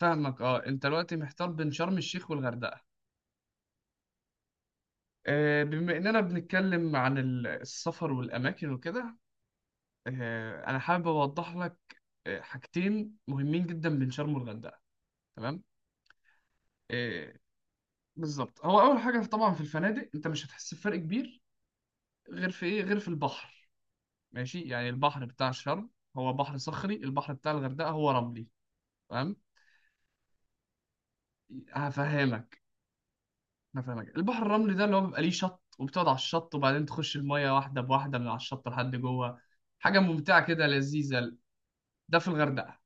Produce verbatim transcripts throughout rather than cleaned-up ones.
فاهمك اه انت دلوقتي محتار بين شرم الشيخ والغردقه. آه، بما اننا بنتكلم عن ال- السفر والاماكن وكده. آه، انا حابب اوضح لك آه، حاجتين مهمين جدا بين شرم والغردقه، تمام؟ آه، بالظبط هو اول حاجه طبعا في الفنادق انت مش هتحس بفرق كبير، غير في ايه؟ غير في البحر. ماشي، يعني البحر بتاع شرم هو بحر صخري، البحر بتاع الغردقه هو رملي، تمام؟ هفهمك، انا فاهمك. البحر الرملي ده اللي هو بيبقى ليه شط وبتقعد على الشط وبعدين تخش المية واحدة بواحدة من على الشط لحد جوه، حاجة ممتعة كده لذيذة. ده في الغردقة،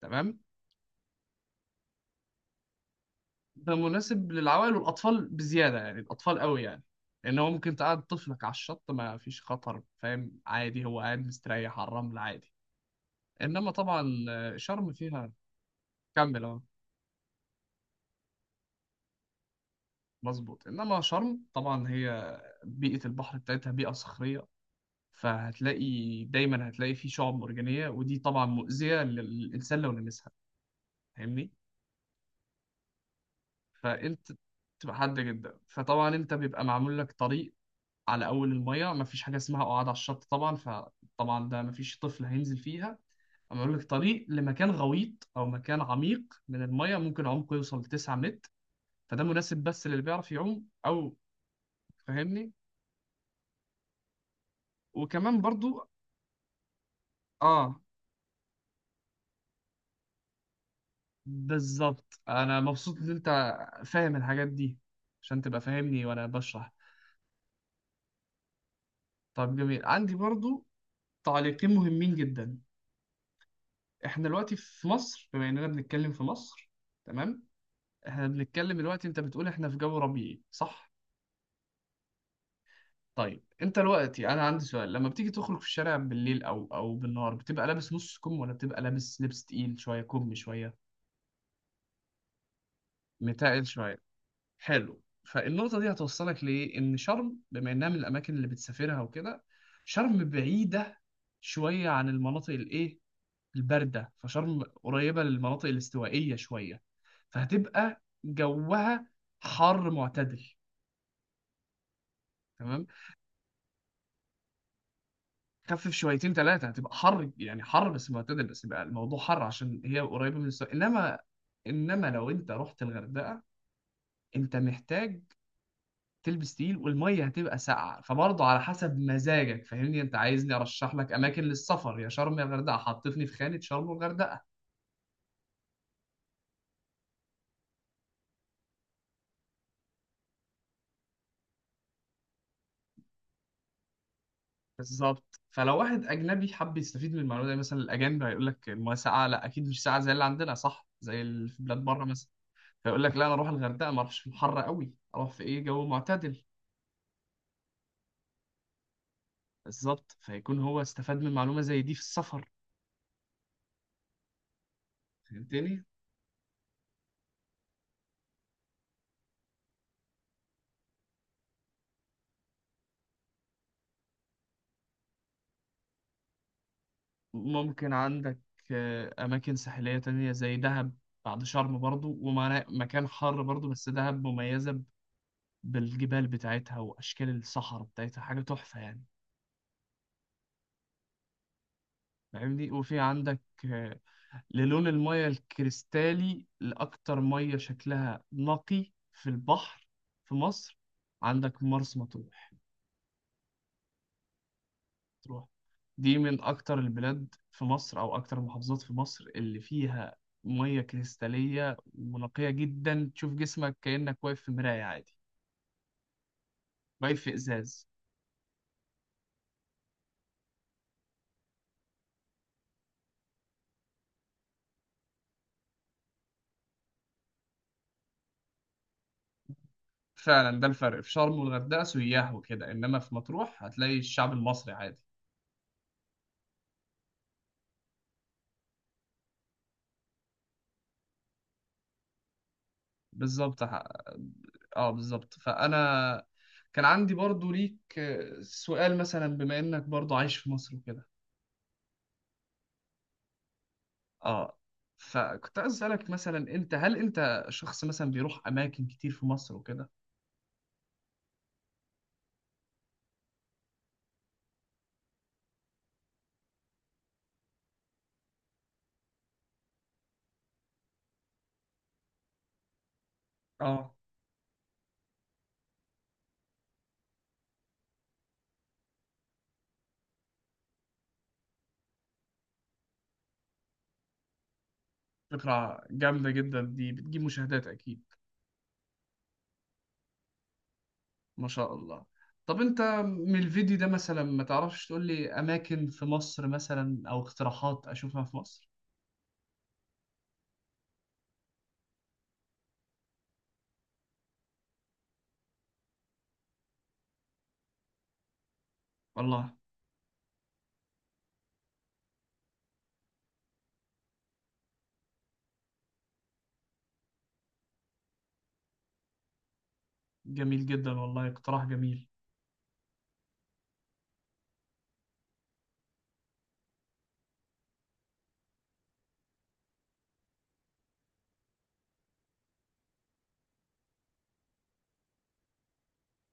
تمام. ده مناسب للعوائل والأطفال بزيادة، يعني الأطفال قوي يعني، لأن هو ممكن تقعد طفلك على الشط ما فيش خطر، فاهم؟ عادي، هو قاعد مستريح على الرمل عادي. إنما طبعا آه، شرم فيها، كمل أهو. مظبوط، إنما شرم طبعا هي بيئة البحر بتاعتها بيئة صخرية، فهتلاقي دايما هتلاقي فيه شعب مرجانية، ودي طبعا مؤذية للإنسان لو لمسها، فاهمني؟ فأنت تبقى حادة جدا، فطبعا أنت بيبقى معمول لك طريق على أول المية، مفيش حاجة اسمها قعاد على الشط طبعا، فطبعا ده مفيش طفل هينزل فيها. معمول لك طريق لمكان غويط أو مكان عميق من المية، ممكن عمقه يوصل لتسعة متر، فده مناسب بس للي بيعرف يعوم أو فاهمني. وكمان برضو، اه بالظبط، انا مبسوط ان انت فاهم الحاجات دي عشان تبقى فاهمني وانا بشرح. طب جميل، عندي برضو تعليقين مهمين جدا. احنا دلوقتي في مصر، بما اننا بنتكلم في مصر، تمام. احنا بنتكلم دلوقتي، انت بتقول احنا في جو ربيعي، صح؟ طيب انت دلوقتي انا عندي سؤال، لما بتيجي تخرج في الشارع بالليل او او بالنهار بتبقى لابس نص كم ولا بتبقى لابس لبس تقيل شويه، كم شويه؟ متقل شويه، حلو. فالنقطة دي هتوصلك لإيه؟ إن شرم بما إنها من الأماكن اللي بتسافرها وكده، شرم بعيدة شوية عن المناطق الإيه؟ الباردة. فشرم قريبة للمناطق الاستوائية شوية، فهتبقى جوها حر معتدل، تمام؟ خفف شويتين ثلاثة، هتبقى حر، يعني حر بس معتدل، بس يبقى الموضوع حر عشان هي قريبة من الاستواء. إنما، إنما لو أنت رحت الغردقة أنت محتاج تلبس تقيل، والميه هتبقى ساقعه، فبرضه على حسب مزاجك، فاهمني؟ انت عايزني ارشح لك اماكن للسفر، يا شرم يا غردقه، حطتني في خانه شرم والغردقه. بالظبط، فلو واحد اجنبي حب يستفيد من المعلومه دي، مثلا الاجانب هيقول لك الميه ساقعه، لا اكيد مش ساقعه زي اللي عندنا، صح؟ زي اللي في بلاد بره مثلا، فيقول لك لا انا اروح الغردقه، ما اروحش في الحر قوي، اروح في ايه؟ جو معتدل. بالظبط، فيكون هو استفاد من معلومه زي دي في السفر، فهمتني؟ ممكن عندك آه، أماكن ساحلية تانية زي دهب، بعد شرم برضو، ومكان حر برضو، بس دهب مميزة ب- بالجبال بتاعتها وأشكال الصحراء بتاعتها، حاجة تحفة يعني، فاهمني؟ وفي عندك آه، للون المية الكريستالي، لأكتر مية شكلها نقي في البحر في مصر، عندك مرسى مطروح. مطروح دي من أكتر البلاد في مصر، أو أكتر المحافظات في مصر، اللي فيها مية كريستالية ونقية جدا، تشوف جسمك كأنك واقف في مراية عادي، واقف في إزاز. فعلا ده الفرق في شرم والغردقة، سياح وكده، إنما في مطروح هتلاقي الشعب المصري عادي. بالظبط. ح- اه بالظبط، فأنا كان عندي برضو ليك سؤال، مثلا بما إنك برضو عايش في مصر وكده، اه. فكنت عايز اسالك مثلا، انت هل انت شخص مثلا بيروح اماكن كتير في مصر وكده؟ اه، فكره جامده جدا دي، بتجيب مشاهدات اكيد. ما شاء الله. طب انت من الفيديو ده مثلا، ما تعرفش تقول لي اماكن في مصر مثلا، او اقتراحات اشوفها في مصر؟ والله جميل جدا، والله اقتراح جميل.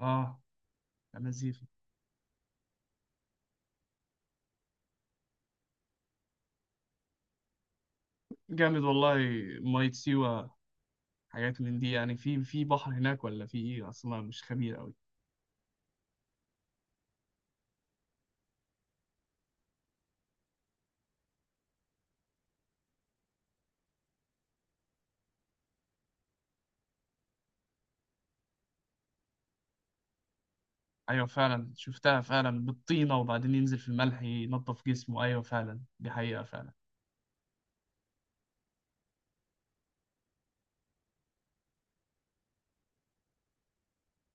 اه، يا مزيف، جامد والله. ميه سيوه، حاجات من دي؟ يعني في في بحر هناك ولا في ايه؟ اصلا مش خبير قوي. ايوه فعلا، شفتها فعلا بالطينه وبعدين ينزل في الملح ينظف جسمه، ايوه فعلا دي حقيقه فعلا.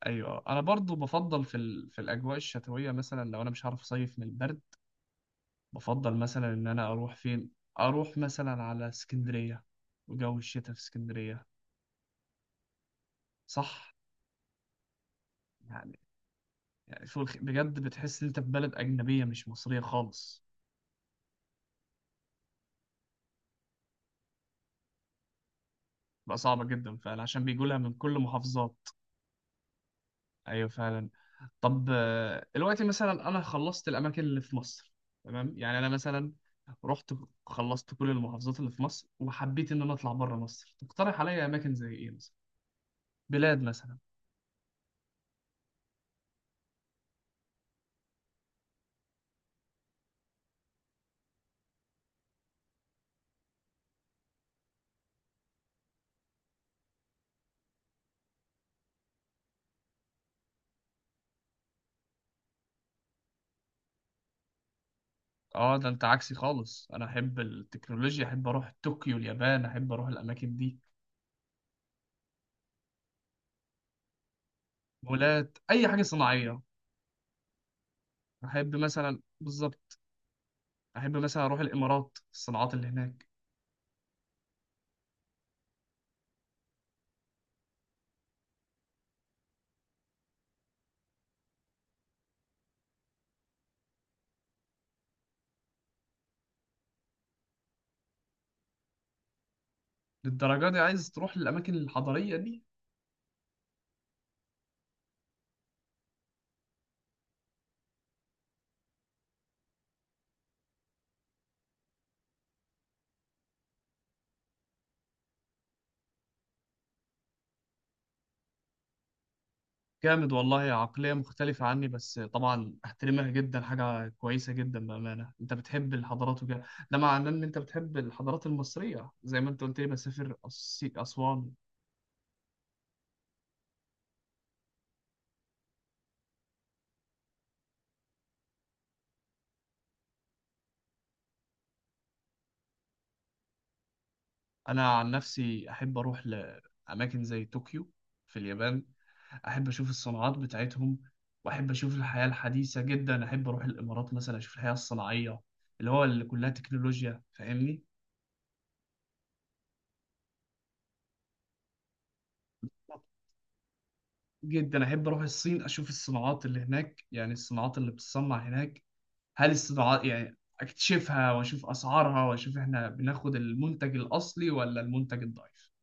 ايوه، انا برضو بفضل في ال... في الاجواء الشتويه مثلا، لو انا مش عارف اصيف من البرد، بفضل مثلا ان انا اروح فين، اروح مثلا على اسكندريه، وجو الشتاء في اسكندريه، صح؟ يعني، يعني فوق الخ- بجد بتحس ان انت في بلد اجنبيه مش مصريه خالص. بقى صعبه جدا فعلا عشان بيجوا لها من كل محافظات، ايوه فعلا. طب آه، دلوقتي مثلا انا خلصت الاماكن اللي في مصر، تمام؟ يعني انا مثلا رحت خلصت كل المحافظات اللي في مصر، وحبيت ان انا اطلع بره مصر، تقترح عليا اماكن زي ايه مثلا؟ بلاد مثلا. اه ده انت عكسي خالص، انا احب التكنولوجيا، احب اروح طوكيو اليابان، احب اروح الاماكن دي، مولات، اي حاجه صناعيه. احب مثلا، بالظبط، احب مثلا اروح الامارات، الصناعات اللي هناك. للدرجه دي عايز تروح للاماكن الحضاريه دي؟ جامد والله، عقلية مختلفة عني، بس طبعا أحترمها جدا، حاجة كويسة جدا بأمانة. أنت بتحب الحضارات وكده، ده معناه إن أنت بتحب الحضارات المصرية زي ما أنت قلت لي بسافر أس- أسوان. أنا عن نفسي أحب أروح لأماكن زي طوكيو في اليابان، أحب أشوف الصناعات بتاعتهم، وأحب أشوف الحياة الحديثة جدا. أحب أروح الإمارات مثلا، أشوف الحياة الصناعية، اللي هو اللي كلها تكنولوجيا، فاهمني؟ جدا احب اروح الصين، اشوف الصناعات اللي هناك، يعني الصناعات اللي بتصنع هناك، هل الصناعات يعني اكتشفها واشوف اسعارها، واشوف احنا بناخد المنتج الاصلي ولا المنتج الضعيف.